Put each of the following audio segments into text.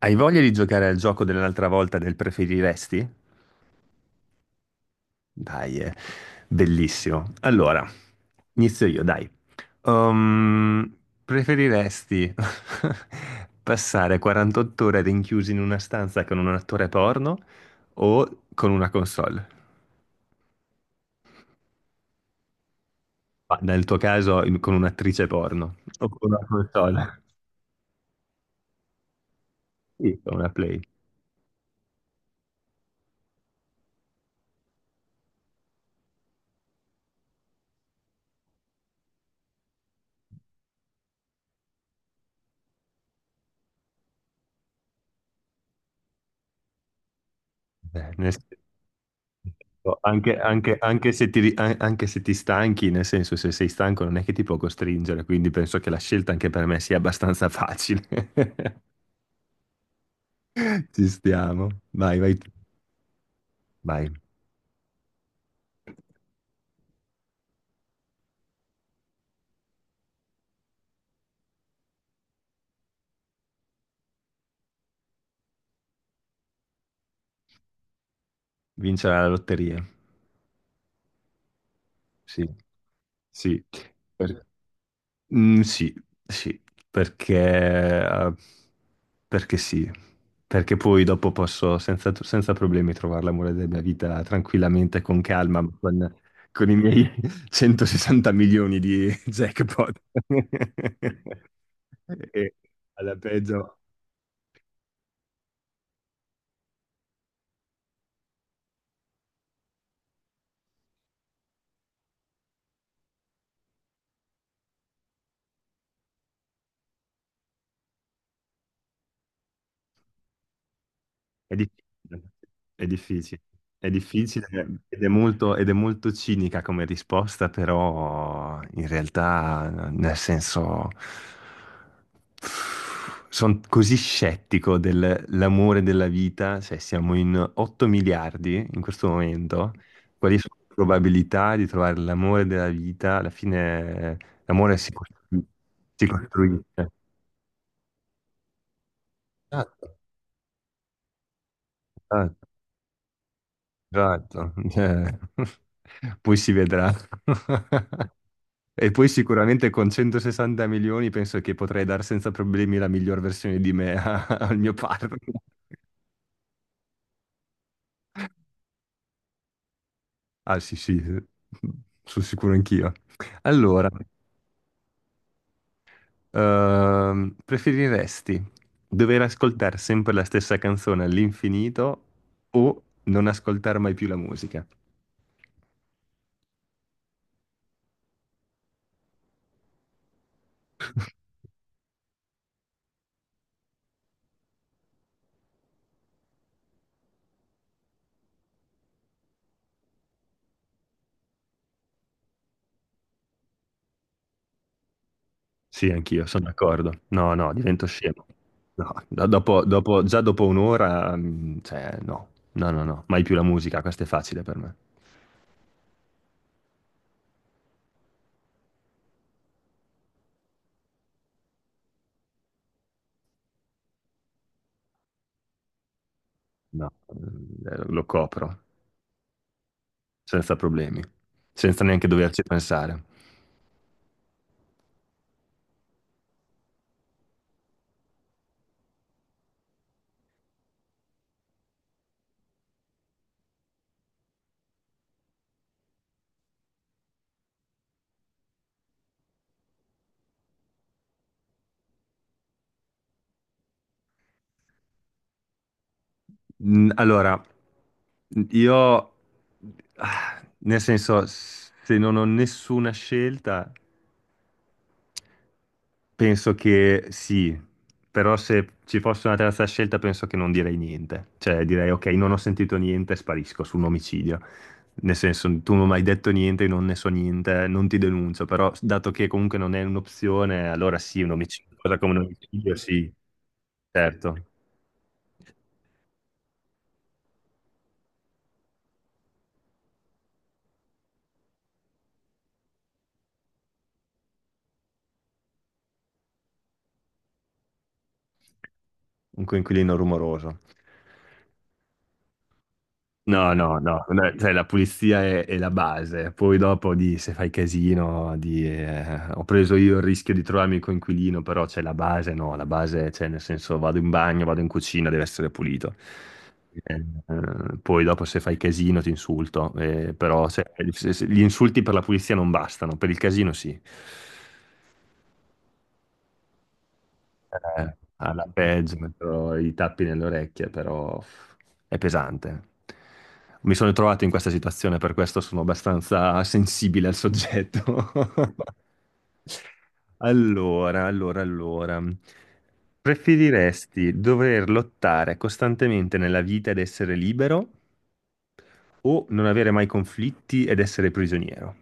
Hai voglia di giocare al gioco dell'altra volta del preferiresti? Dai, è bellissimo. Allora, inizio io, dai. Ehm, Preferiresti passare 48 ore rinchiusi in una stanza con un attore porno o con una console? Ma nel tuo caso, con un'attrice porno o con una console? Sì, con una Play. Beh, nel Boh, anche, anche se ti, anche se ti stanchi, nel senso, se sei stanco non è che ti può costringere, quindi penso che la scelta anche per me sia abbastanza facile. Ci stiamo. Vai, vai, tu. Vai. Vincere la lotteria. Sì, sì. Per- sì, sì, perché, perché sì, perché poi dopo posso senza, senza problemi trovare l'amore della mia vita tranquillamente, con calma, ma con i miei 160 milioni di jackpot. E alla peggio. È difficile, è difficile, è difficile ed è molto cinica come risposta, però in realtà, nel senso, sono così scettico dell'amore della vita, se siamo in 8 miliardi in questo momento, quali sono le probabilità di trovare l'amore della vita? Alla fine l'amore si costruisce. Esatto. Esatto. Esatto, cioè, poi si vedrà. E poi sicuramente con 160 milioni penso che potrei dare senza problemi la miglior versione di me al mio partner. Ah sì, sì, sono sicuro anch'io. Allora, preferiresti dover ascoltare sempre la stessa canzone all'infinito o non ascoltare mai più la musica? Sì, anch'io, sono d'accordo. No, no, divento scemo. No, già dopo un'ora, cioè, no, no, no, no, mai più la musica, questo è facile per me. No, lo copro, senza problemi, senza neanche doverci pensare. Allora, io, nel senso, se non ho nessuna scelta. Penso che sì, però se ci fosse una terza scelta penso che non direi niente, cioè direi ok, non ho sentito niente, sparisco su un omicidio, nel senso tu non mi hai detto niente, io non ne so niente, non ti denuncio, però dato che comunque non è un'opzione, allora sì, un omicidio, cosa come un omicidio, sì, certo, un coinquilino rumoroso. No, no, no, no, cioè, la pulizia è la base, poi dopo di se fai casino, di, ho preso io il rischio di trovarmi il coinquilino, però c'è la base, no, la base, cioè nel senso vado in bagno, vado in cucina, deve essere pulito. Eh, poi dopo se fai casino ti insulto, però gli insulti per la pulizia non bastano, per il casino sì. Alla peggio, metterò i tappi nelle orecchie, però è pesante. Mi sono trovato in questa situazione, per questo sono abbastanza sensibile al soggetto. Allora, allora, allora. Preferiresti dover lottare costantemente nella vita ed essere libero o non avere mai conflitti ed essere prigioniero?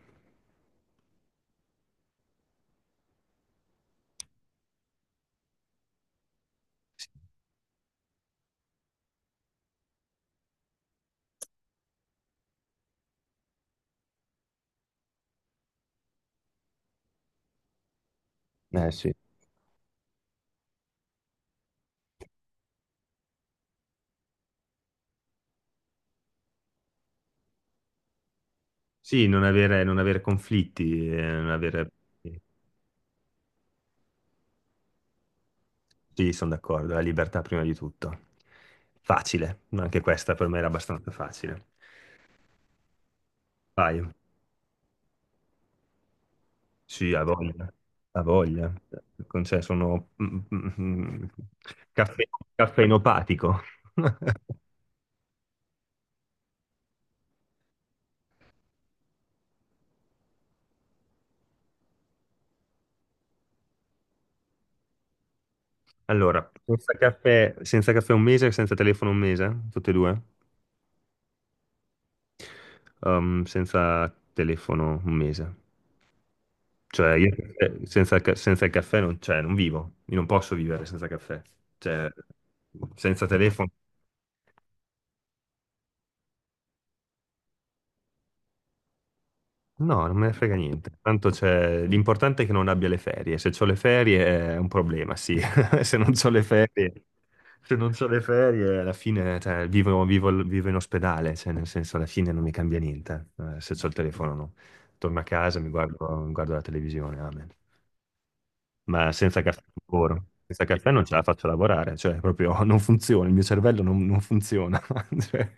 Eh sì. Sì, non avere, non avere conflitti, non avere. Sì, sono d'accordo, la libertà prima di tutto. Facile, ma anche questa per me era abbastanza facile. Vai, sì, ha voglia, ha voglia. Cioè, sono caffe- caffeinopatico. Allora, senza caffè, senza caffè un mese, senza telefono un mese, tutte e due? Senza telefono un mese. Cioè, io senza, senza il caffè non, cioè, non vivo, io non posso vivere senza caffè. Cioè, senza telefono no, non me ne frega niente. Tanto c'è l'importante è che non abbia le ferie. Se ho le ferie è un problema, sì. Se non ho le ferie, se non c'ho le ferie, alla fine, cioè, vivo, vivo in ospedale, cioè, nel senso, alla fine non mi cambia niente. Se ho il telefono, no. Torno a casa, mi guardo la televisione, amen. Ma senza caffè non lavoro. Senza caffè non ce la faccio lavorare, cioè, proprio non funziona, il mio cervello non, non funziona. Cioè,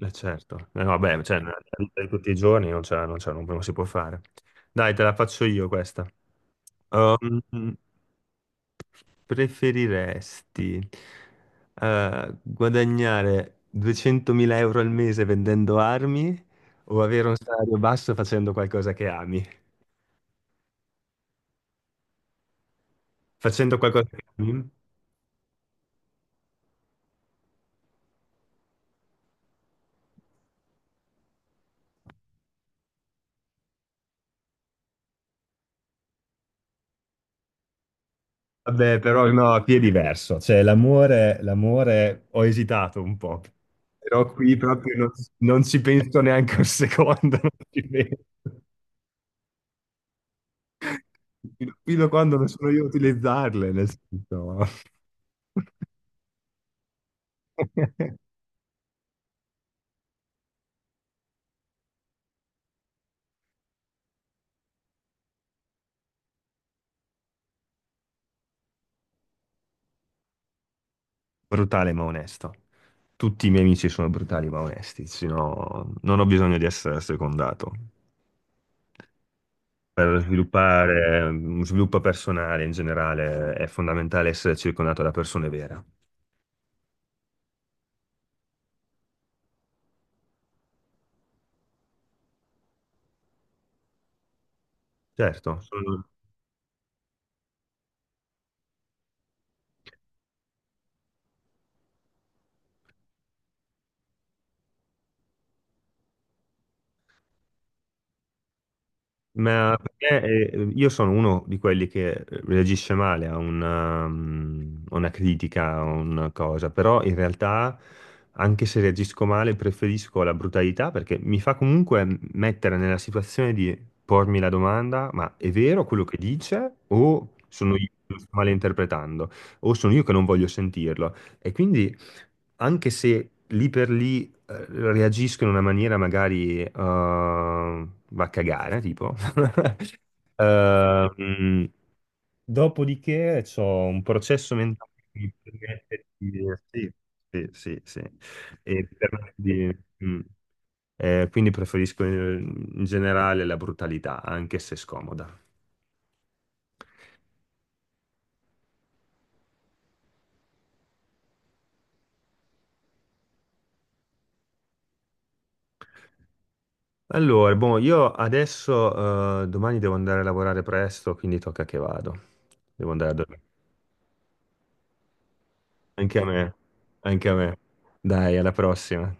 eh, certo, eh, no, vabbè, cioè, nella vita di tutti i giorni non c'è, non c'è, non, non si può fare. Dai, te la faccio io questa. Um, Preferiresti guadagnare 200.000 euro al mese vendendo armi o avere un salario basso facendo qualcosa che ami? Facendo qualcosa che ami? Vabbè, però no, qui è diverso. Cioè, l'amore, l'amore, ho esitato un po', però qui proprio non, non ci penso neanche un secondo. Non ci penso. Fino fino a quando non sono io a utilizzarle, nel senso. Brutale ma onesto. Tutti i miei amici sono brutali ma onesti, sennò non ho bisogno di essere secondato. Per sviluppare uno sviluppo personale in generale è fondamentale essere circondato da persone vere. Certo, ma perché, io sono uno di quelli che reagisce male a una, a una critica, a una cosa, però in realtà anche se reagisco male preferisco la brutalità perché mi fa comunque mettere nella situazione di pormi la domanda, ma è vero quello che dice o sono io che lo sto malinterpretando o sono io che non voglio sentirlo? E quindi anche se lì per lì eh, reagiscono in una maniera magari va a cagare, tipo. Eh, mm, Dopodiché c'ho un processo mentale che mi permette di. Sì, sì, sì, sì. E permette di- mm. Quindi preferisco in generale la brutalità, anche se scomoda. Allora, boh, io adesso domani devo andare a lavorare presto, quindi tocca che vado. Devo andare a dormire. Anche a me, anche a me. Dai, alla prossima.